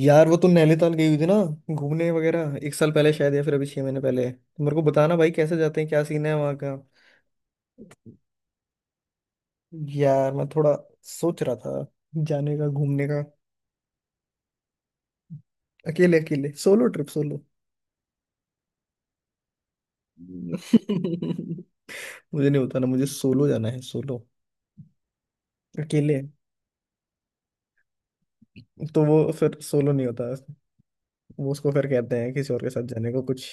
यार, वो तो नैनीताल गई हुई थी ना घूमने वगैरह। 1 साल पहले शायद, या फिर अभी 6 महीने पहले। तो मेरे को बताना भाई, कैसे जाते हैं, क्या सीन है वहाँ का। यार मैं थोड़ा सोच रहा था जाने का, घूमने का। अकेले अकेले, सोलो ट्रिप, सोलो। मुझे नहीं होता ना। मुझे सोलो जाना है, सोलो, अकेले। तो वो फिर सोलो नहीं होता। वो उसको फिर कहते हैं किसी और के साथ जाने को कुछ।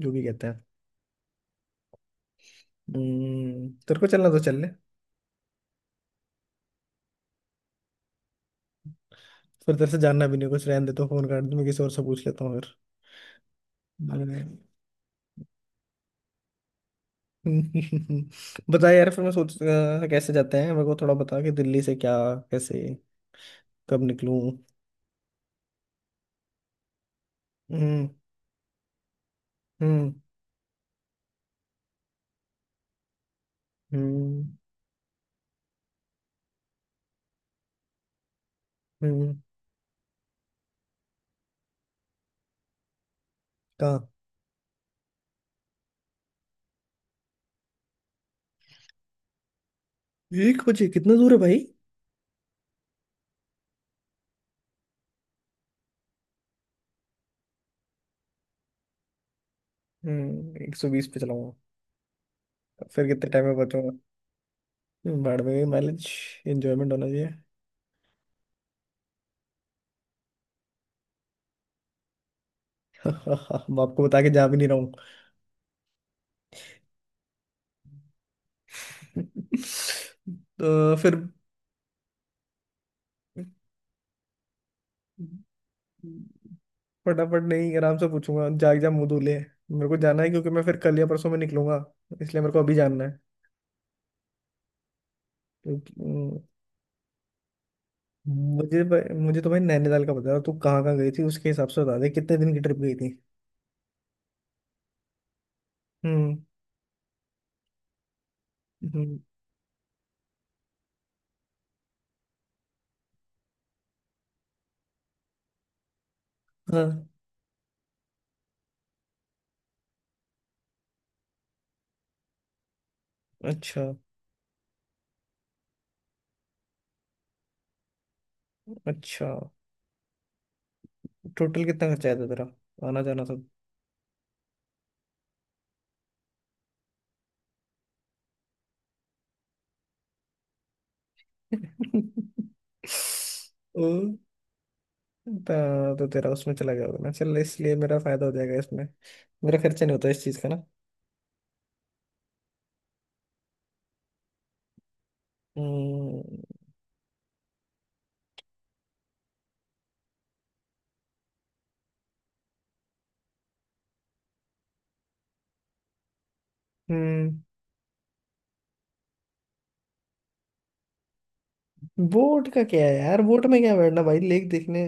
जो भी कहते हैं। तेरे को चलना तो चल ले। फिर तेरे से जानना भी नहीं कुछ, रहने दे, तो फोन कर दूं, मैं किसी और से पूछ लेता हूँ। फिर। बता यार, फिर मैं सोच कैसे जाते हैं, मेरे को थोड़ा बता कि दिल्ली से क्या, कैसे, कब निकलूं। हम्म। हम्म। हम्म। हम्म। कहाँ? 1 बजे? कितना दूर है भाई? हम्म, 120 पे चलाऊंगा। फिर कितने टाइम में पहुंचूंगा? भाड़ में भी माइलेज। एंजॉयमेंट होना चाहिए। बाप को बता के जा भी नहीं रहा हूँ। तो फिर। फटाफट नहीं, आराम से पूछूंगा। जाग जा, मुंह धो ले। मेरे को जाना है क्योंकि मैं फिर कल या परसों में निकलूंगा, इसलिए मेरे को अभी जानना। क्योंकि, अम, मुझे भाई- मुझे तो भाई नैनीताल का बता रहा। तू कहाँ कहाँ गई थी उसके हिसाब से बता दे। कितने दिन की ट्रिप गई थी? हम्म। हम्म। हाँ। अच्छा। अच्छा। टोटल कितना खर्चा आया था तेरा, आना जाना सब? ओ, तो तेरा उसमें चला गया होगा ना। चल, इसलिए मेरा फायदा हो जाएगा इसमें। मेरा खर्चा नहीं होता इस चीज का ना। हम्म। हम्म। बोट का क्या है यार, बोट में क्या बैठना भाई, लेक देखने?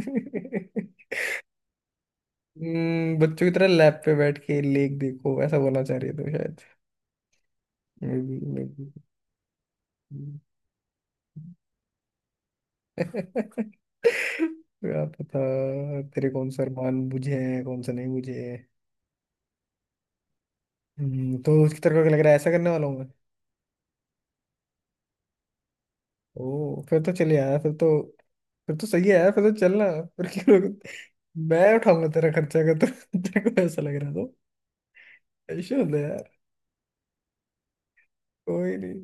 बच्चों की तरह लैब पे बैठ के लेक देखो, ऐसा बोलना चाह रही थी शायद। Maybe, may be. क्या पता तेरे कौन सा अरमान मुझे है, कौन सा नहीं मुझे है। तो उसकी तरफ क्या लग रहा है, ऐसा करने वाला हूँ मैं? ओ, फिर तो चले यार, फिर तो। फिर तो सही है यार, फिर तो चलना। फिर क्यों रोक- मैं उठाऊंगा तेरा खर्चा, अगर तो तेरे को ऐसा लग रहा तो। ऐसे होता है यार। कोई नहीं,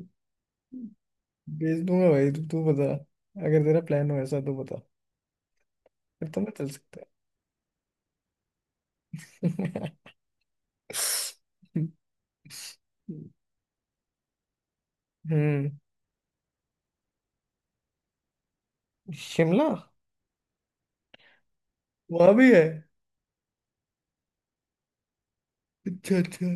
भेज दूंगा भाई। तू तू बता, अगर तेरा प्लान हो ऐसा तो बता, फिर तो मैं चल सकता है। हम्म। शिमला? वहां भी है? अच्छा, अच्छा।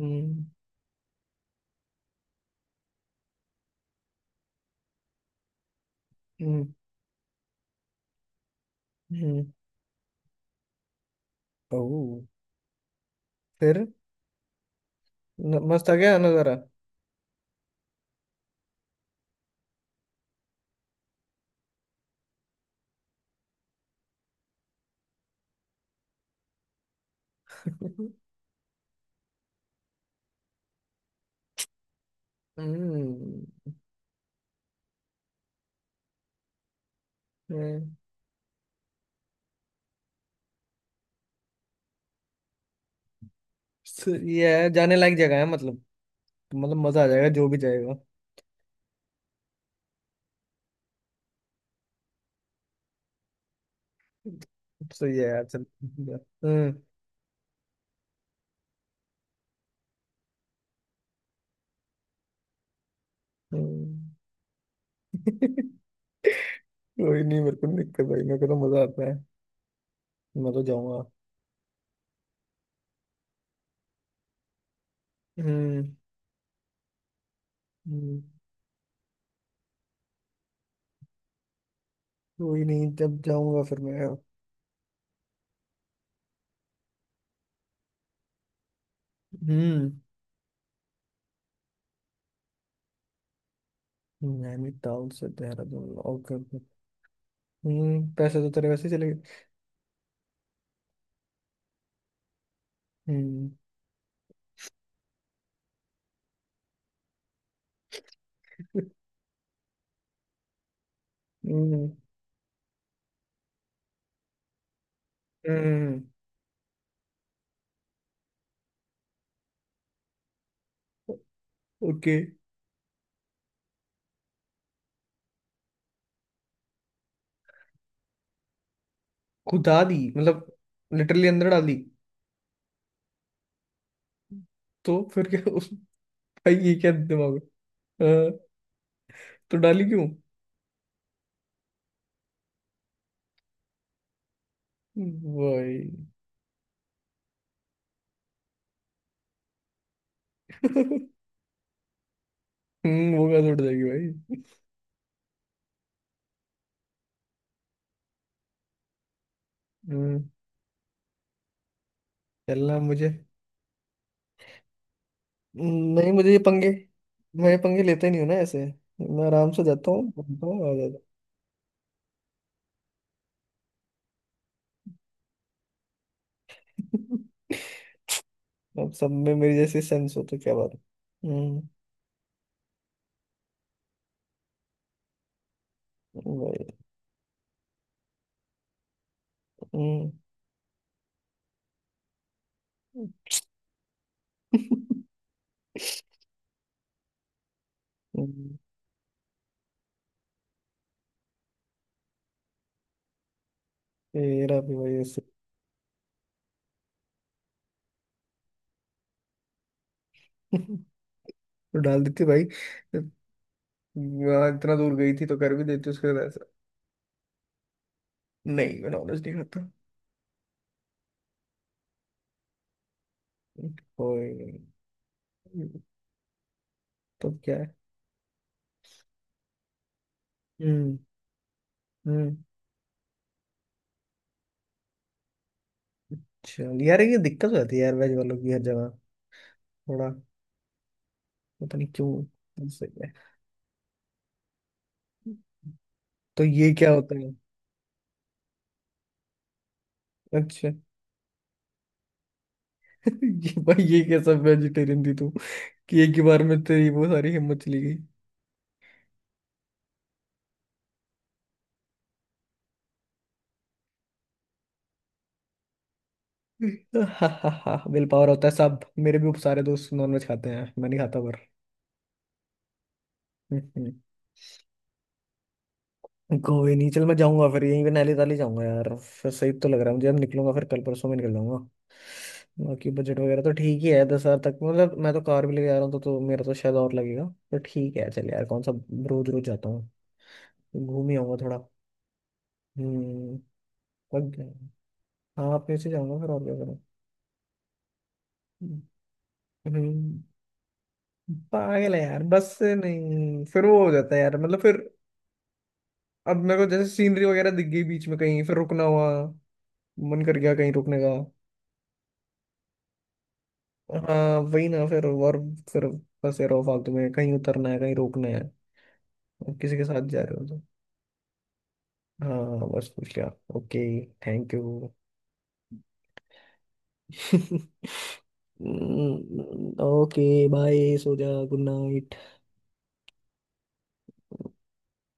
हम्म। हम्म। हम्म। ओ, फिर मस्त आ गया नजारा। हम्म। हम्म। सो ये है जाने लायक जगह है, मतलब। मतलब मजा आ जाएगा जो भी जाएगा। सो ये है यार, चल। हम्म। हम्म। कोई नहीं, मेरे को नहीं दिक्कत भाई, मेरे को तो मजा आता है। मैं तो जाऊंगा। हम्म। हम्म। कोई नहीं, जब जाऊंगा फिर मैं। हम्म। नैनीताल से देहरादून? Okay, okay. हम्म, पैसे तो तेरे वैसे ही चले गए। हम्म। हम्म। हम्म। ओके। खुदा दी मतलब? लिटरली अंदर डाली? तो फिर क्या उस भाई, ये क्या दिमाग है? हाँ, तो डाली क्यों भाई? वो कहाँ से उठ जाएगी भाई? हम्म। चलना मुझे। नहीं, मुझे ये पंगे। मैं ये पंगे लेता ही नहीं हूँ ना ऐसे। मैं आराम से जाता हूँ, घूमता हूँ, आ जाता हूँ। अब सब में मेरी जैसी सेंस हो तो क्या बात है। हम्म। वही। हम्म। हम्म, तेरा भी वही ऐसे। तो डाल देती भाई, वहाँ इतना दूर गई थी तो कर भी देती उसके साथ ऐसा। नहीं, मैं नॉलेज नहीं खाता। कोई नहीं, तो क्या है? हम्म। हम्म चल यार, ये दिक्कत हो जाती है यार वेज वालों की हर जगह, थोड़ा पता नहीं क्यों, ऐसे ही है। तो ये क्या होता है? अच्छा, ये भाई, ये कैसा वेजिटेरियन थी तू कि एक ही बार में तेरी वो सारी हिम्मत चली गई? हा हा हा, विल पावर होता है सब। मेरे भी सारे दोस्त नॉनवेज खाते हैं, मैं नहीं खाता पर। हम्म। हम्म। कोई नहीं, चल मैं जाऊंगा फिर यहीं पे। नैली ताली जाऊंगा यार, फिर सही तो लग रहा है मुझे। अब निकलूंगा फिर, कल परसों में निकल जाऊंगा। बाकी बजट वगैरह तो ठीक ही है, 10,000 तक मतलब। मैं तो कार भी लेके जा रहा हूँ तो, मेरा तो शायद और लगेगा। तो ठीक है, चल यार, कौन सा रोज रोज जाता हूँ, घूम ही आऊंगा थोड़ा। हम्म, पक गया। हाँ, अपने से जाऊंगा फिर, और क्या। हम्म, पागल है यार, बस से नहीं, फिर वो हो जाता है यार, मतलब। फिर अब मेरे को जैसे सीनरी वगैरह दिख गई बीच में कहीं, फिर रुकना हुआ, मन कर गया कहीं रुकने का। हाँ वही ना। फिर, और फिर फंसे रहो फालतू में, कहीं उतरना है, कहीं रुकना है, अब किसी के साथ जा रहे हो तो। हाँ, बस पूछ लिया। Okay. Thank you. Okay, bye, सो जा, गुड नाइट।